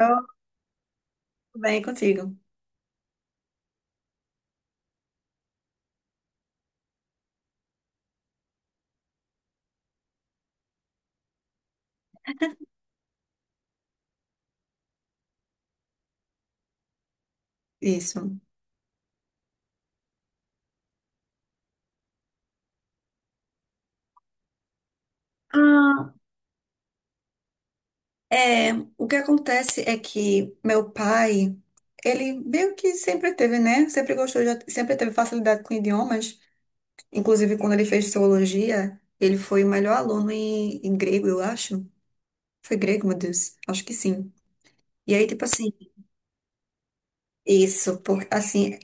Eu venho contigo. Isso. Ah, é, o que acontece é que meu pai, ele meio que sempre teve, né? Sempre gostou, sempre teve facilidade com idiomas. Inclusive, quando ele fez teologia, ele foi o melhor aluno em grego, eu acho. Foi grego, meu Deus. Acho que sim. E aí, tipo assim, isso, porque assim,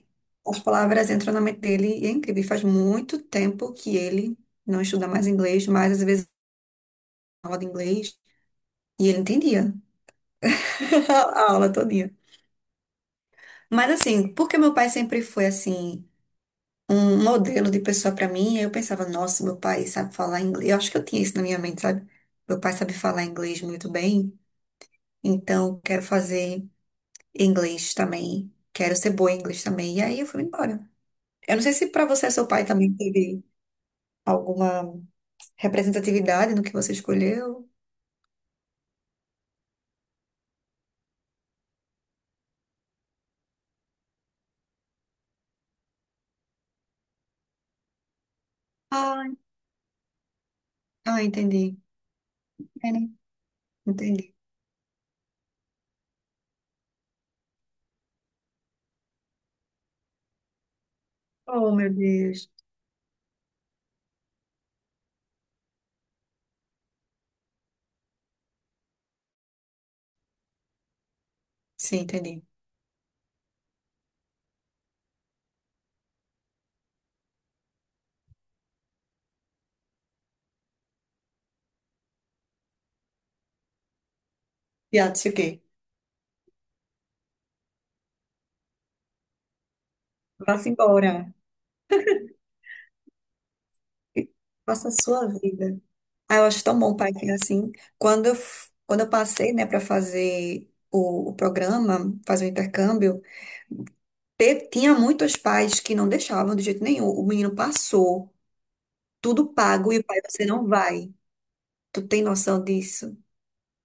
as palavras entram na mente dele e é incrível. E faz muito tempo que ele não estuda mais inglês, mas às vezes aula de inglês e ele entendia. A aula todinha. Mas assim, porque meu pai sempre foi assim, um modelo de pessoa pra mim, eu pensava, nossa, meu pai sabe falar inglês. Eu acho que eu tinha isso na minha mente, sabe? Meu pai sabe falar inglês muito bem, então quero fazer inglês também, quero ser boa em inglês também. E aí eu fui embora. Eu não sei se pra você, seu pai também teve alguma representatividade no que você escolheu. Ah, ah, entendi. É, né? Entendi. Oh, meu Deus. Sim, entendi. Piada, o quê? Vá-se embora. Faça a sua vida. Ah, eu acho tão bom, pai, que é assim. Quando eu, quando eu passei, né, para fazer o programa, fazer o intercâmbio, tinha muitos pais que não deixavam de jeito nenhum. O menino passou, tudo pago, e o pai, você não vai. Tu tem noção disso?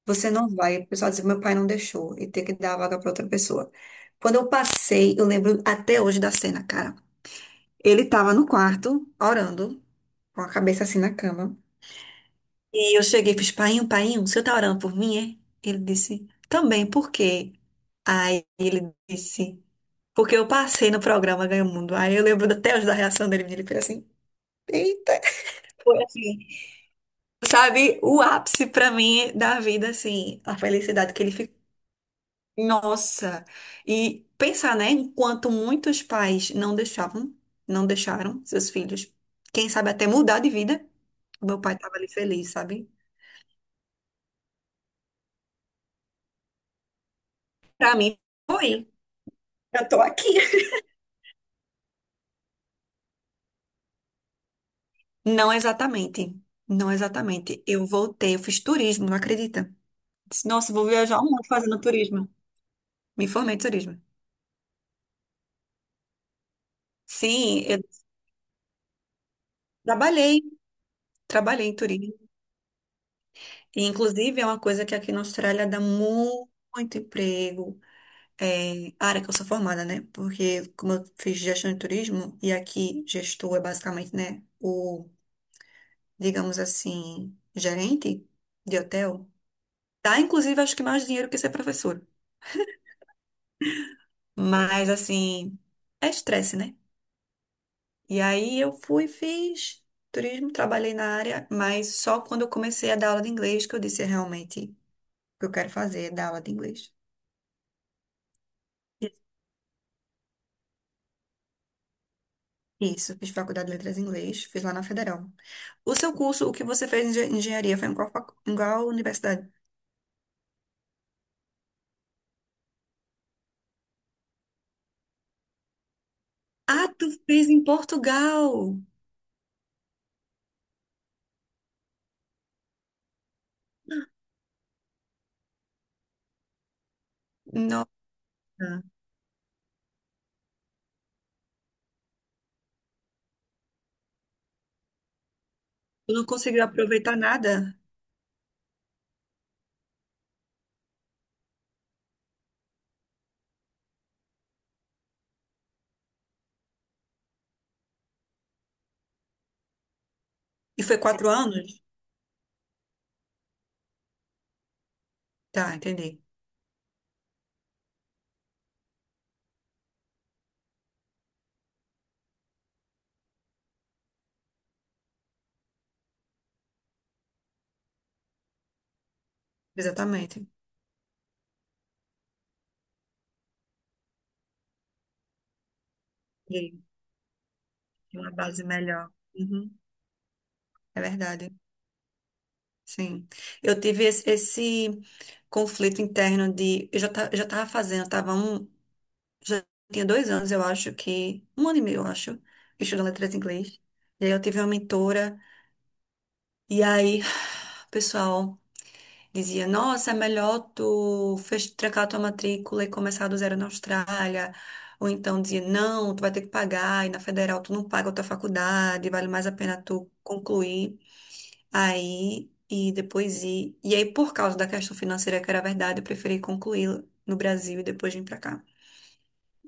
Você não vai. O pessoal dizia, meu pai não deixou, e ter que dar a vaga para outra pessoa. Quando eu passei, eu lembro até hoje da cena, cara. Ele tava no quarto, orando, com a cabeça assim na cama. E eu cheguei e fiz, painho, painho, o senhor tá orando por mim, é? Ele disse, também, por quê? Aí ele disse, porque eu passei no programa Ganha o Mundo. Aí eu lembro até hoje da reação dele, ele fez assim, eita. Foi assim, sabe, o ápice pra mim da vida, assim, a felicidade que ele ficou. Nossa! E pensar, né, enquanto muitos pais não deixavam, não deixaram seus filhos, quem sabe até mudar de vida, o meu pai tava ali feliz, sabe? Pra mim, foi. Eu tô aqui. Não exatamente. Não exatamente. Eu voltei, eu fiz turismo, não acredita? Disse, nossa, vou viajar um mundo fazendo turismo. Me formei em turismo. Sim, eu trabalhei, trabalhei em turismo. E, inclusive, é uma coisa que aqui na Austrália dá muito emprego. É, a área que eu sou formada, né? Porque como eu fiz gestão de turismo, e aqui gestor é basicamente, né, o, digamos assim, gerente de hotel, dá inclusive acho que mais dinheiro que ser professor. Mas assim, é estresse, né? E aí eu fui, fiz turismo, trabalhei na área, mas só quando eu comecei a dar aula de inglês que eu disse: "É realmente o que eu quero fazer, é dar aula de inglês." Isso, fiz faculdade de letras em inglês, fiz lá na Federal. O seu curso, o que você fez em engenharia, foi em qual, em qual universidade? Ah, tu fez em Portugal! Nossa, tu não conseguiu aproveitar nada? E foi quatro anos? Tá, entendi. Exatamente. E uma base melhor. Uhum, é verdade. Sim, eu tive esse conflito interno de. Eu já, já tava fazendo, eu tava um. Já tinha dois anos, eu acho que. Um ano e meio, eu acho, estudando letras em inglês. E aí eu tive uma mentora, e aí o pessoal dizia: "Nossa, é melhor tu trancar tua matrícula e começar do zero na Austrália." Ou então dizia: "Não, tu vai ter que pagar, e na federal tu não paga a tua faculdade, vale mais a pena tu concluir." Aí, e depois ir. E aí, por causa da questão financeira, que era verdade, eu preferi concluir no Brasil e depois vir pra cá.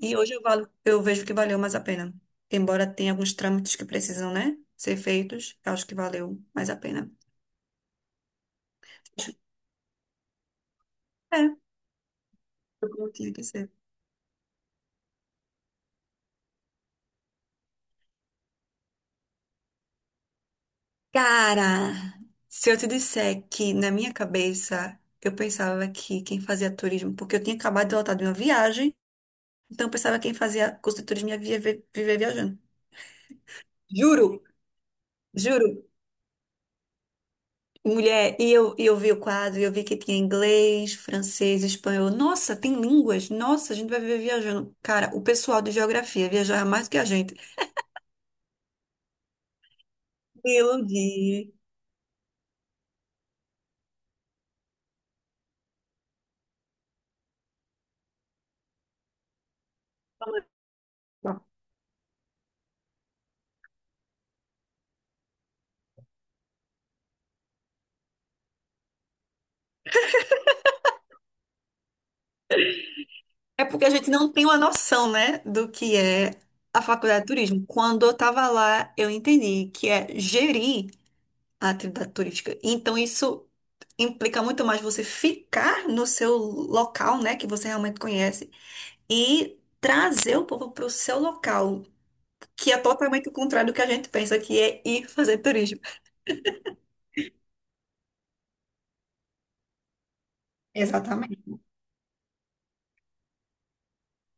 E hoje eu, eu vejo que valeu mais a pena. Embora tenha alguns trâmites que precisam, né, ser feitos, eu acho que valeu mais a pena. É, foi como tinha que ser. Cara, se eu te disser que na minha cabeça eu pensava que quem fazia turismo, porque eu tinha acabado de voltar de uma viagem, então eu pensava que quem fazia curso de turismo ia viver, viver viajando. Juro, juro. Mulher, e eu vi o quadro, e eu vi que tinha inglês, francês, espanhol. Nossa, tem línguas? Nossa, a gente vai viver viajando. Cara, o pessoal de geografia viaja mais do que a gente. Meu Deus. É porque a gente não tem uma noção, né, do que é a faculdade de turismo. Quando eu estava lá, eu entendi que é gerir a atividade turística. Então, isso implica muito mais você ficar no seu local, né, que você realmente conhece, e trazer o povo para o seu local. Que é totalmente o contrário do que a gente pensa, que é ir fazer turismo. Exatamente,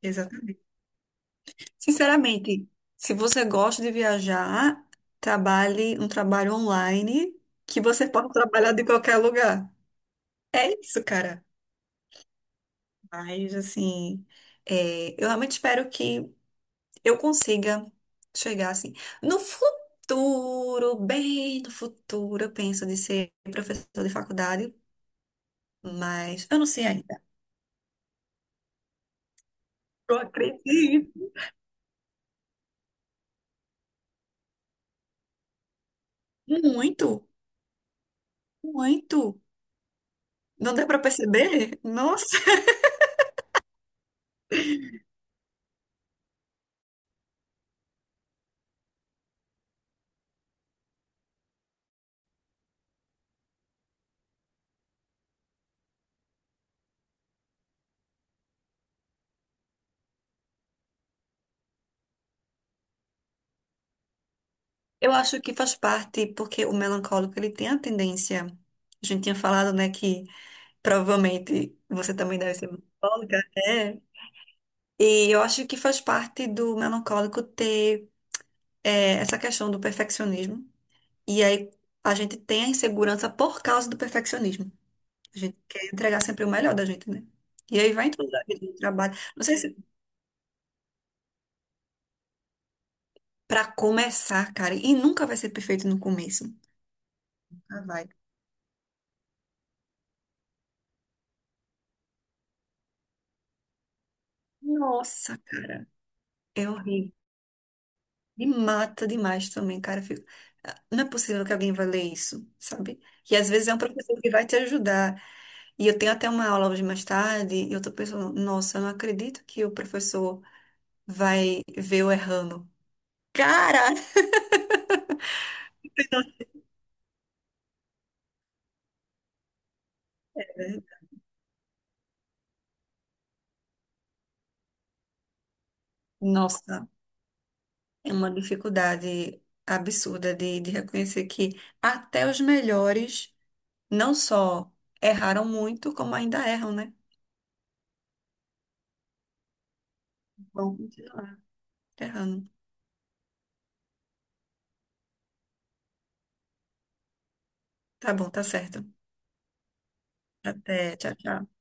exatamente. Sinceramente, se você gosta de viajar, trabalhe um trabalho online que você pode trabalhar de qualquer lugar. É isso, cara. Mas, assim, é, eu realmente espero que eu consiga chegar, assim, no futuro, bem no futuro, eu penso de ser professor de faculdade, mas eu não sei ainda. Eu acredito muito. Muito. Não deu para perceber? Nossa. Eu acho que faz parte, porque o melancólico, ele tem a tendência. A gente tinha falado, né, que provavelmente você também deve ser melancólica. É. E eu acho que faz parte do melancólico ter é, essa questão do perfeccionismo. E aí a gente tem a insegurança por causa do perfeccionismo. A gente quer entregar sempre o melhor da gente, né? E aí vai em tudo da vida, no trabalho. Não sei se para começar, cara, e nunca vai ser perfeito no começo. Nunca vai. Nossa, cara, é horrível. Me mata demais também, cara. Eu fico, "Ah, não é possível que alguém vai ler isso, sabe? E às vezes é um professor que vai te ajudar. E eu tenho até uma aula hoje mais tarde, e eu tô pensando, nossa, eu não acredito que o professor vai ver eu errando. Cara, você não- nossa, é uma dificuldade absurda de reconhecer que até os melhores não só erraram muito, como ainda erram, né? Vão continuar errando. Tá bom, tá certo. Até, tchau, tchau.